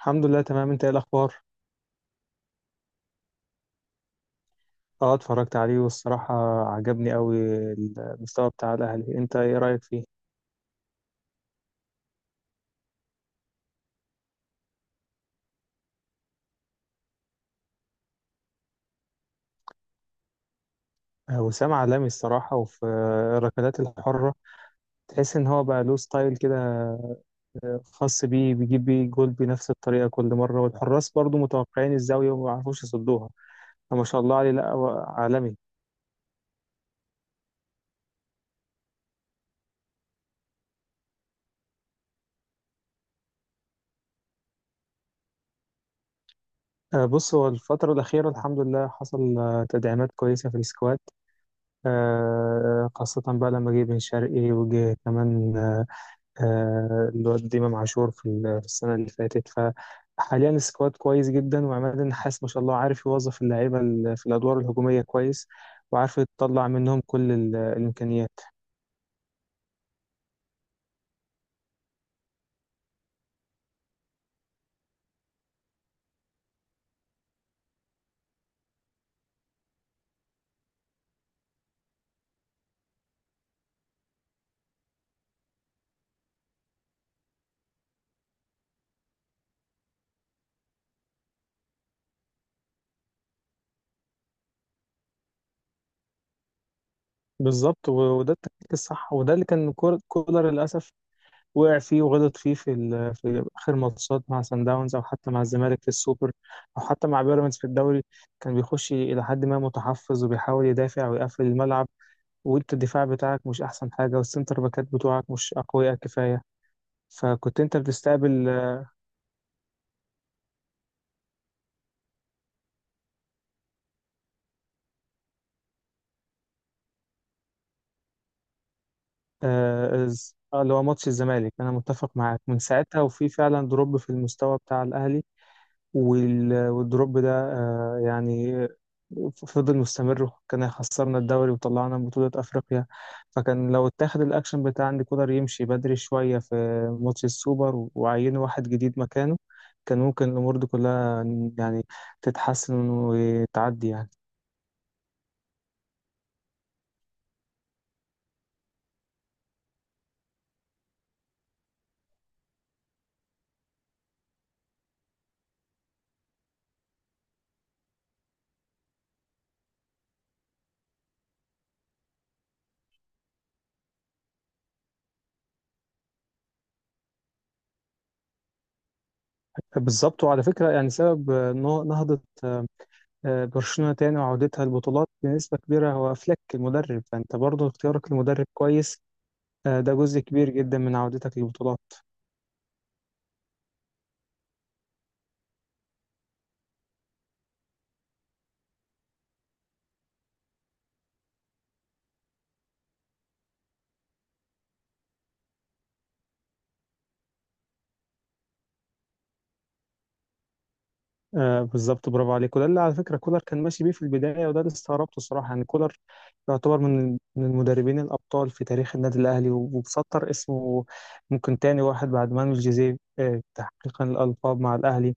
الحمد لله، تمام. انت ايه الاخبار؟ اه، اتفرجت عليه والصراحة عجبني قوي المستوى بتاع الاهلي. انت ايه رأيك فيه؟ وسام عالمي الصراحة، وفي الركلات الحرة. تحس ان هو بقى له ستايل كده. خاص بيه، بيجيب بيه جول بنفس الطريقة كل مرة، والحراس برضو متوقعين الزاوية وما بيعرفوش يصدوها. فما شاء الله عليه، لا هو عالمي. بص، هو الفترة الأخيرة الحمد لله حصل تدعيمات كويسة في السكواد. خاصة بقى لما جه بن شرقي، وجه كمان الواد إمام عاشور في في السنة اللي فاتت. فحاليا السكواد كويس جدا، وعماد النحاس ما شاء الله عارف يوظف اللعيبة في الأدوار الهجومية كويس، وعارف يطلع منهم كل الإمكانيات. بالظبط، و- وده التكتيك الصح، وده اللي كان كولر للأسف وقع فيه وغلط فيه في في آخر ماتشات مع سان داونز، أو حتى مع الزمالك في السوبر، أو حتى مع بيراميدز في الدوري. كان بيخش إلى حد ما متحفظ، وبيحاول يدافع ويقفل الملعب، وانت الدفاع بتاعك مش احسن حاجه والسنتر باكات بتوعك مش اقوياء كفايه. فكنت انت بتستقبل. اللي هو ماتش الزمالك، انا متفق معاك من ساعتها، وفي فعلا دروب في المستوى بتاع الاهلي. وال- والدروب ده يعني فضل مستمر، كان هيخسرنا الدوري وطلعنا من بطولة أفريقيا. فكان لو اتاخد الأكشن بتاع إن كولر يمشي بدري شوية في ماتش السوبر، وعينوا واحد جديد مكانه، كان ممكن الأمور دي كلها يعني تتحسن وتعدي يعني. بالظبط، وعلى فكرة يعني سبب نهضة، برشلونة تاني وعودتها البطولات بنسبة كبيرة هو فليك المدرب، فأنت برضه اختيارك لمدرب كويس. ده جزء كبير جدا من عودتك للبطولات. بالظبط، برافو عليك. وده اللي على فكره كولر كان ماشي بيه في البدايه، وده اللي استغربته الصراحه. يعني كولر يعتبر من المدربين الابطال في تاريخ النادي الاهلي، وبسطر اسمه، ممكن تاني واحد بعد مانويل جوزيه تحقيقا الالقاب مع الاهلي.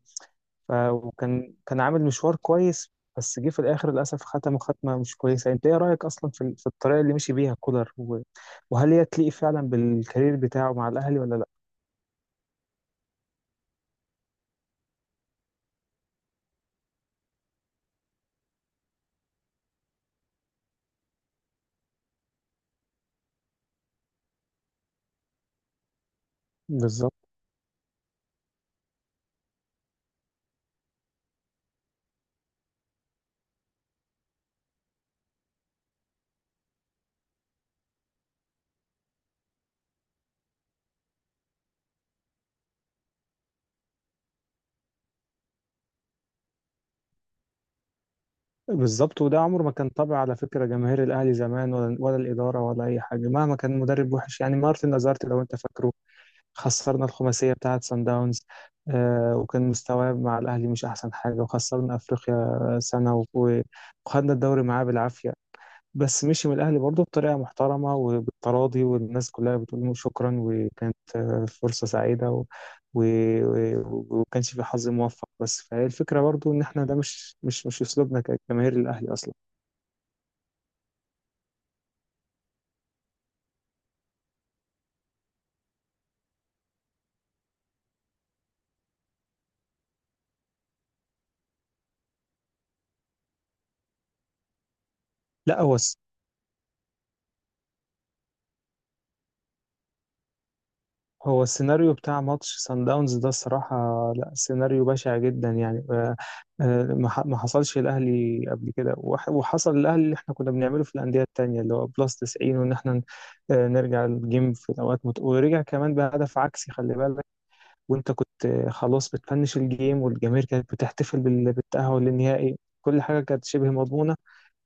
وكان عامل مشوار كويس، بس جه في الاخر للاسف، ختمه مش كويسه. انت ايه رايك اصلا في الطريقه اللي مشي بيها كولر، وهل هي تليق فعلا بالكارير بتاعه مع الاهلي ولا لا؟ بالظبط، بالظبط. وده عمره ما كان طبع، على فكرة، جماهير الأهلي زمان، ولا الإدارة ولا أي حاجة، مهما كان مدرب وحش يعني مارتن لازارت، لو أنت فاكره. خسرنا الخماسية بتاعة سان داونز. وكان مستواه مع الأهلي مش أحسن حاجة، وخسرنا أفريقيا سنة، وخدنا الدوري معاه بالعافية. بس مشي من الأهلي برضه بطريقة محترمة وبالتراضي، والناس كلها بتقول له شكرا، وكانت فرصة سعيدة و... وكانش في حظ موفق. بس فهي الفكرة برضه، إن إحنا ده مش أسلوبنا كجماهير الأهلي أصلا. لا، هو السيناريو بتاع ماتش سان داونز ده الصراحة، لا سيناريو بشع جدا يعني. ما حصلش الأهلي قبل كده، وحصل الأهلي اللي احنا كنا بنعمله في الأندية التانية، اللي هو بلس 90، وإن احنا نرجع الجيم في الأوقات، ورجع كمان بهدف عكسي، خلي بالك. وأنت كنت خلاص بتفنش الجيم، والجماهير كانت بتحتفل بالتأهل للنهائي. كل حاجة كانت شبه مضمونة.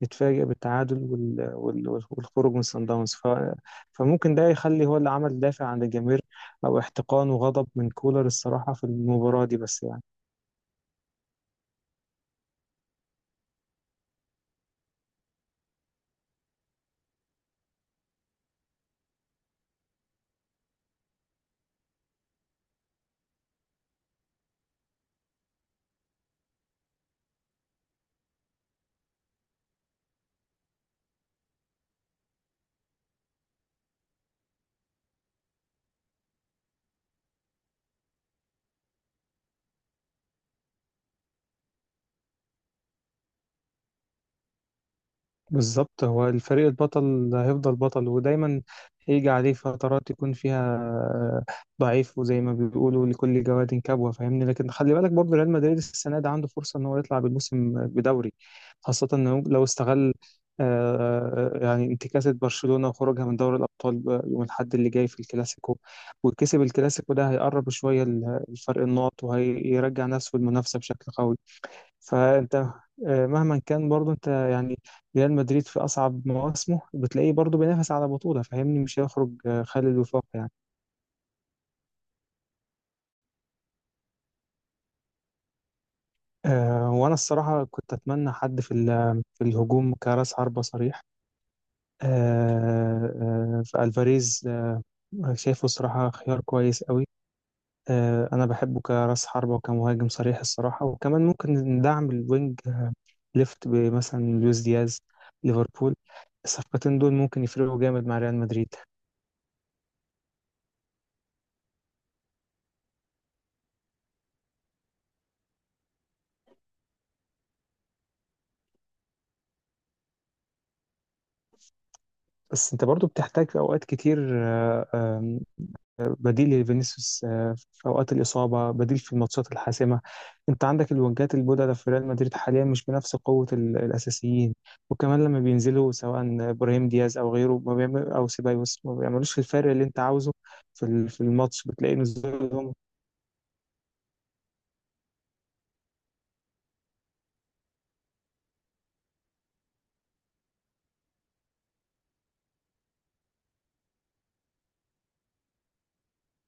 يتفاجئ بالتعادل والخروج من صن داونز. فممكن ده يخلي هو اللي عمل دافع عند الجماهير، او احتقان وغضب من كولر الصراحه في المباراه دي، بس يعني. بالظبط. هو الفريق البطل هيفضل بطل، ودايما هيجي عليه فترات يكون فيها ضعيف، وزي ما بيقولوا لكل جواد كبوة، فاهمني؟ لكن خلي بالك برضه ريال مدريد السنة دي عنده فرصة إن هو يطلع بالموسم بدوري، خاصة إنه لو استغل يعني انتكاسة برشلونة وخروجها من دوري الأبطال يوم الأحد اللي جاي في الكلاسيكو، وكسب الكلاسيكو ده هيقرب شوية الفرق النقط، وهيرجع نفسه المنافسة بشكل قوي. فانت مهما كان برضو انت يعني ريال مدريد في اصعب مواسمه بتلاقيه برضو بينافس على بطولة، فاهمني؟ مش هيخرج خالي الوفاق يعني. وانا الصراحة كنت اتمنى حد في في الهجوم كراس حربة صريح. آه، فالفاريز. شايفه صراحة خيار كويس قوي. انا بحبه كراس حربة وكمهاجم صريح الصراحة، وكمان ممكن ندعم الوينج ليفت بمثلا لويس دياز ليفربول. الصفقتين دول ممكن يفرقوا جامد مع ريال مدريد. بس انت برضو بتحتاج في اوقات كتير، آه، آم، آه، بديل لفينيسيوس، في اوقات الاصابه، بديل في الماتشات الحاسمه. انت عندك الوينجات البودلة في ريال مدريد حاليا مش بنفس قوه الاساسيين، وكمان لما بينزلوا سواء ابراهيم دياز او غيره ما بيعمل، او سيبايوس ما بيعملوش الفرق اللي انت عاوزه. في في الماتش بتلاقي نزولهم.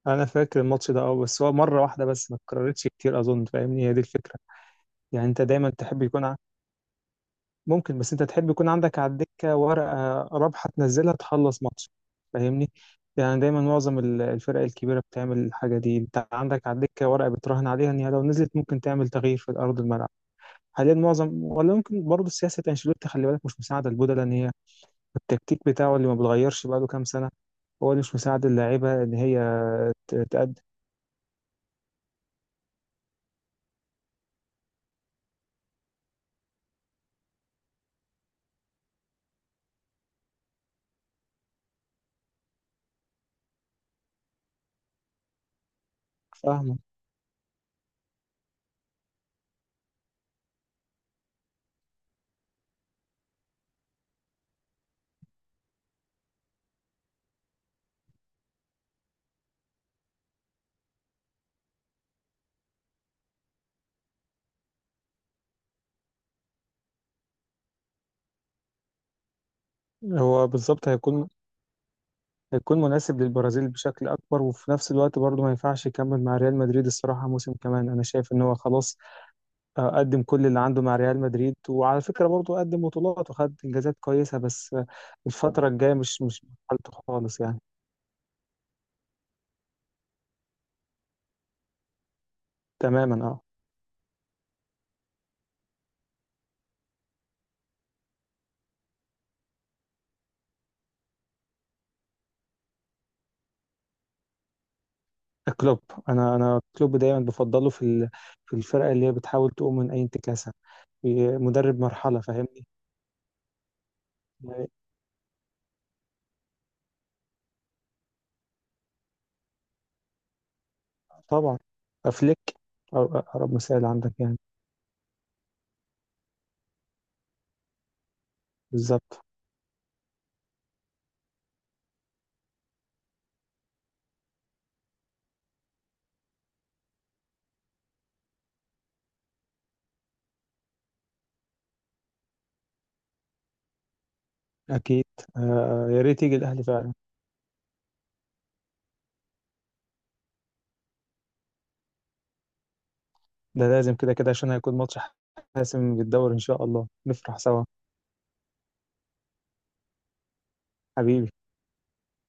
انا فاكر الماتش ده بس هو مره واحده بس، ما اتكررتش كتير اظن، فاهمني؟ هي دي الفكره. يعني انت دايما تحب يكون ممكن، بس انت تحب يكون عندك على الدكة ورقة رابحة تنزلها تخلص ماتش، فاهمني؟ يعني دايما معظم الفرق الكبيرة بتعمل الحاجة دي. انت عندك على الدكة ورقة بتراهن عليها ان هي لو نزلت ممكن تعمل تغيير في أرض الملعب. حاليا معظم، ولا ممكن برضه سياسة انشيلوتي، خلي بالك، مش مساعدة البودلة ان هي التكتيك بتاعه اللي ما بيتغيرش بقاله كام سنة، هو اللي مش مساعد اللعيبة ان هي تأدي. فاهمه. هو بالظبط هيكون مناسب للبرازيل بشكل أكبر، وفي نفس الوقت برضه ما ينفعش يكمل مع ريال مدريد الصراحة موسم كمان. أنا شايف إن هو خلاص قدم كل اللي عنده مع ريال مدريد، وعلى فكرة برضه قدم بطولات وخد إنجازات كويسة، بس الفترة الجاية مش حالته خالص يعني. تماما، أه. كلوب. أنا كلوب دايما بفضله في في الفرقة اللي هي بتحاول تقوم من أي انتكاسة، في مدرب مرحلة، فاهمني؟ يعني طبعا. أفليك أقرب مثال عندك يعني. بالظبط، اكيد. يا ريت يجي الاهلي فعلا. ده لازم، كده كده، عشان هيكون ماتش حاسم في الدوري. ان شاء الله نفرح سوا. حبيبي.